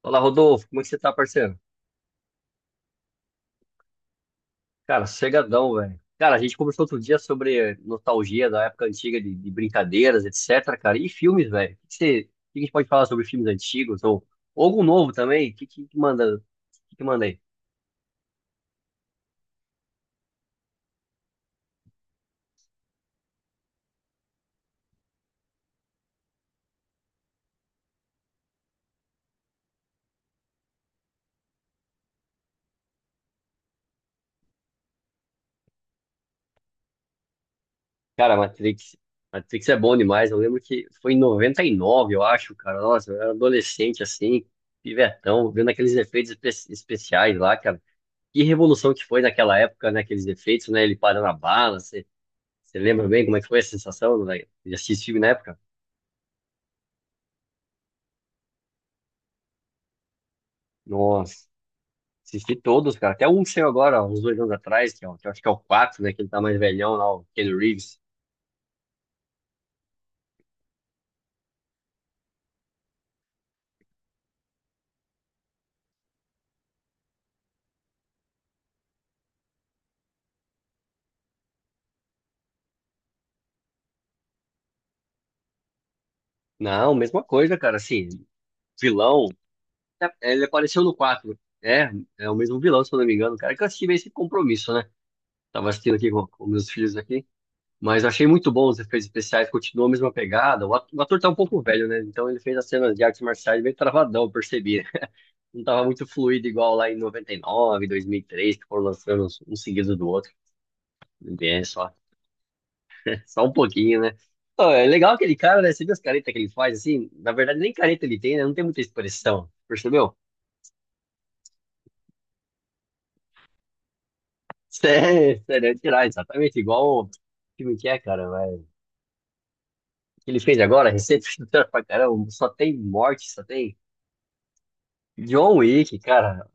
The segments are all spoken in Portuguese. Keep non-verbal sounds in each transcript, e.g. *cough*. Olá, Rodolfo, como é que você tá, parceiro? Cara, sossegadão, velho. Cara, a gente conversou outro dia sobre nostalgia da época antiga de brincadeiras, etc, cara. E filmes, velho. O que que a gente pode falar sobre filmes antigos ou algum novo também? O que que manda aí? Cara, Matrix. Matrix é bom demais. Eu lembro que foi em 99, eu acho, cara. Nossa, eu era adolescente assim, pivetão, vendo aqueles especiais lá, cara. Que revolução que foi naquela época, né? Aqueles efeitos, né? Ele parando a bala. Você lembra bem como é que foi a sensação, velho, de assistir esse filme na época? Nossa, assisti todos, cara. Até um que saiu agora, ó, uns dois anos atrás, que, que eu acho que é o quatro, né? Que ele tá mais velhão lá, o Ken Reeves. Não, mesma coisa, cara. Assim, vilão. Ele apareceu no 4. É, é o mesmo vilão, se eu não me engano, cara. Que eu assisti meio sem compromisso, né? Tava assistindo aqui com meus filhos aqui. Mas eu achei muito bom os efeitos especiais, continuou a mesma pegada. O ator tá um pouco velho, né? Então ele fez as cenas de artes marciais bem travadão, eu percebi, né? Não tava muito fluido igual lá em 99, 2003, que foram lançando um seguido do outro. É só, *laughs* só um pouquinho, né? Pô, é legal aquele cara, né? Você viu as caretas que ele faz assim? Na verdade, nem careta ele tem, né? Não tem muita expressão, percebeu? *laughs* Sério, é tirar exatamente igual o filme que é, cara, vai. O que ele fez agora, recente, *laughs* pra caramba, só tem morte, só tem John Wick, cara.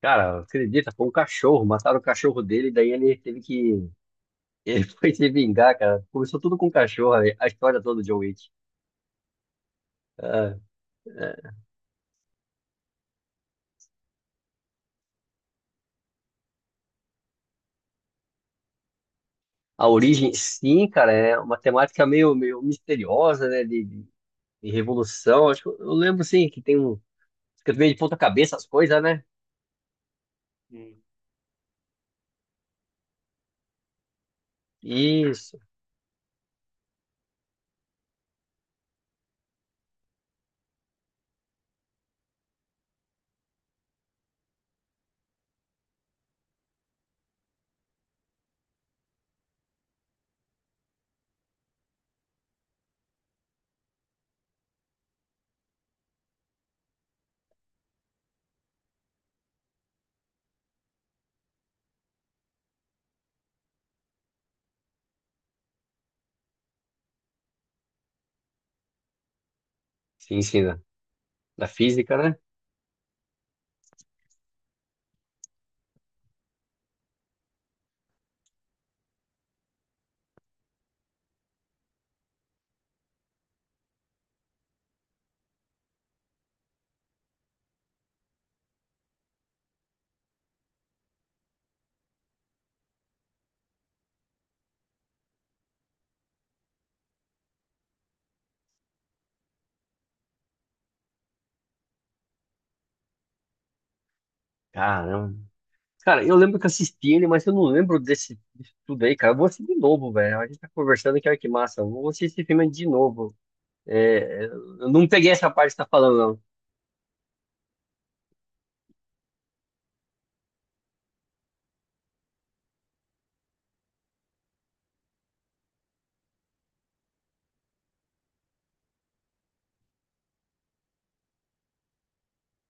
Cara, acredita, foi um cachorro, mataram o cachorro dele, daí ele teve que. Ele foi se vingar, cara. Começou tudo com o cachorro, a história toda do John Wick. Ah, é. A origem, sim, cara, é uma temática meio misteriosa, né? De revolução. Acho que eu lembro, sim, que tem um. Fica meio de ponta cabeça as coisas, né? Hum. Isso. Sim, sim, da, da física, né? Caramba. Cara, eu lembro que eu assisti ele, mas eu não lembro desse, disso tudo aí, cara. Eu vou assistir de novo, velho. A gente tá conversando aqui, olha que massa. Eu vou assistir esse filme de novo. É, eu não peguei essa parte que você tá falando,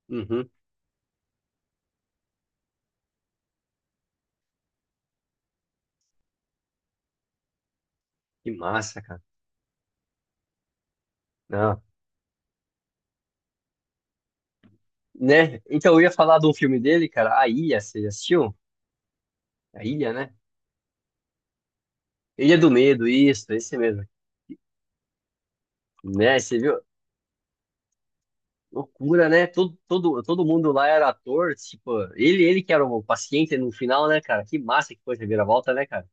não. Uhum. Que massa, cara. Não, né? Então eu ia falar de um filme dele, cara, A Ilha, você já assistiu? A Ilha, né? Ilha do Medo, isso, esse mesmo. Né, você viu? Loucura, né? Todo mundo lá era ator, tipo, ele que era o paciente no final, né, cara? Que massa que foi a reviravolta, né, cara?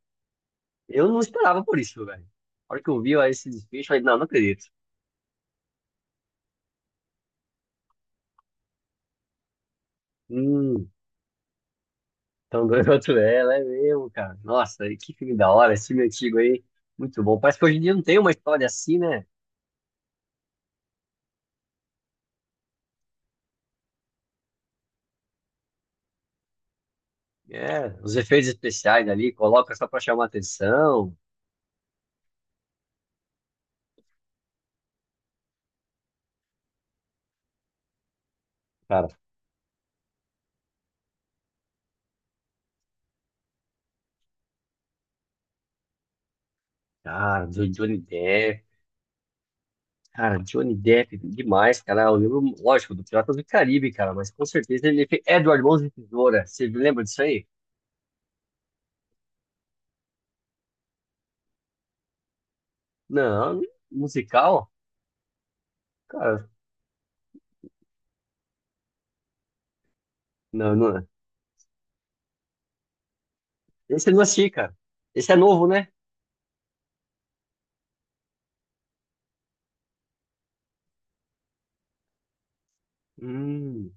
Eu não esperava por isso, velho. A hora que eu vi ó, esse desfecho, eu falei, não, não acredito. Hum, tão doido quanto *laughs* ela, é mesmo, cara. Nossa, e que filme da hora, esse filme antigo aí. Muito bom. Parece que hoje em dia não tem uma história assim, né? É, os efeitos especiais ali, coloca só pra chamar atenção. Cara, do Johnny Depp. Cara, Johnny Depp, demais, cara. Eu lembro, lógico, do Piratas do Caribe, cara, mas com certeza ele fez Edward Mãos de Tesoura. Você lembra disso aí? Não, musical? Cara, não. Esse eu não assisti, cara. Esse é novo, né? Hum,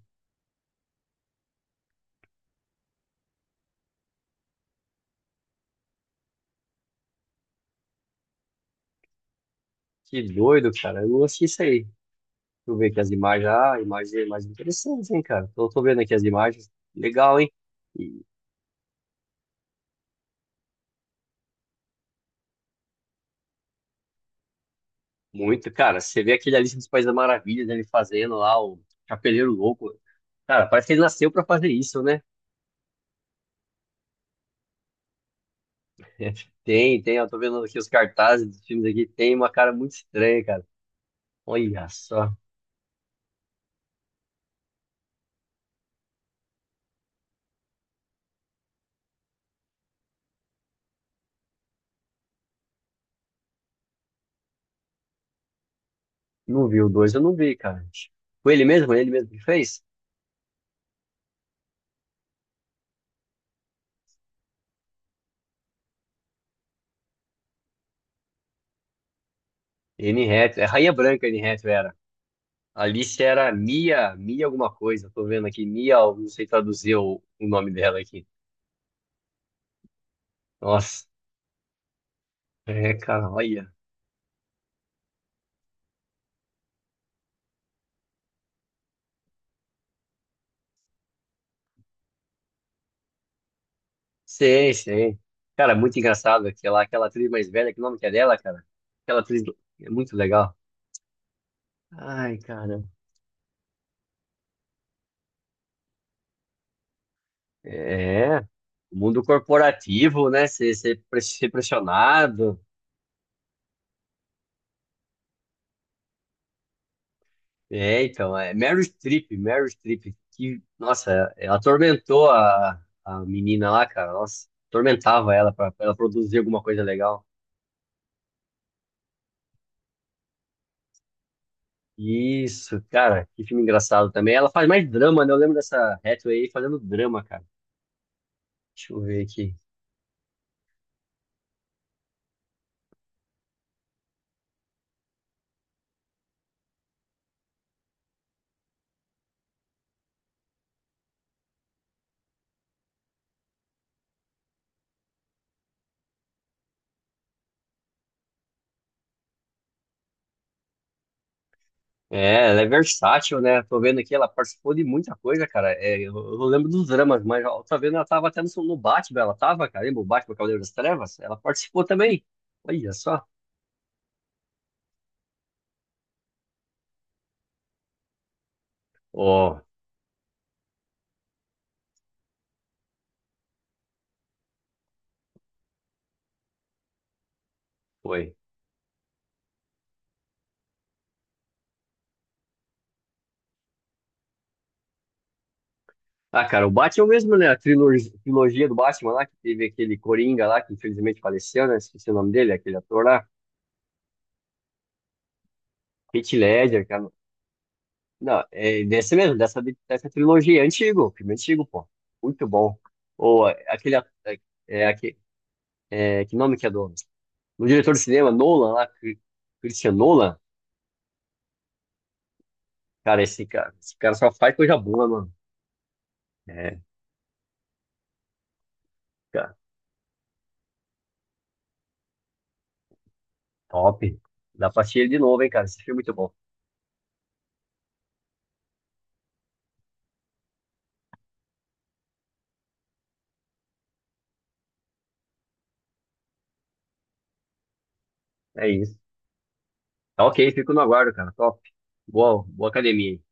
que doido, cara. Eu não assisti isso aí. Deixa eu ver aqui as imagens. Ah, imagens é mais interessantes, hein, cara. Tô vendo aqui as imagens. Legal, hein? Muito, cara. Você vê aquele Alice dos Países das Maravilhas, ele fazendo lá o Chapeleiro Louco. Cara, parece que ele nasceu pra fazer isso, né? *laughs* Tem, tem. Eu tô vendo aqui os cartazes dos filmes aqui. Tem uma cara muito estranha, cara. Olha só. Não vi o dois, eu não vi, cara. Foi ele mesmo? Ele mesmo que fez? Anne Hathaway. É Rainha Branca, Anne Hathaway era. Alice era Mia, Mia alguma coisa. Eu tô vendo aqui. Mia, eu não sei traduzir o nome dela aqui. Nossa. É, cara, olha. Sei, sei. Cara, é muito engraçado aquela atriz mais velha, que nome que é dela, cara? Aquela atriz é muito legal. Ai, cara. É. O mundo corporativo, né? Ser pressionado. É, então, é Meryl Streep, que, nossa, ela atormentou a menina lá, cara. Nossa, atormentava ela pra ela produzir alguma coisa legal. Isso, cara, que filme engraçado também. Ela faz mais drama, né? Eu lembro dessa Hathaway aí fazendo drama, cara. Deixa eu ver aqui. É, ela é versátil, né? Tô vendo aqui, ela participou de muita coisa, cara. É, eu lembro dos dramas, mas eu tô vendo, ela tava até no Batman, ela tava, cara, lembra o Batman Cavaleiro das Trevas? Ela participou também. Olha só. Ó, foi. Ah, cara, o Batman mesmo, né? A trilogia do Batman lá, que teve aquele Coringa lá, que infelizmente faleceu, né? Esqueci o nome dele, aquele ator lá. Heath Ledger, cara. Não, é desse mesmo, dessa trilogia, é antigo, filme antigo, pô. Muito bom. Ou é, aquele, a- é, é, aque- é, que nome que é do No diretor de cinema, Nolan, lá, Christian Nolan. Cara, esse cara só faz coisa boa, mano. É, cara, top. Dá pra assistir ele de novo, hein, cara. Esse filme é muito bom. É isso. Tá ok, fico no aguardo, cara. Top. Boa, boa academia aí.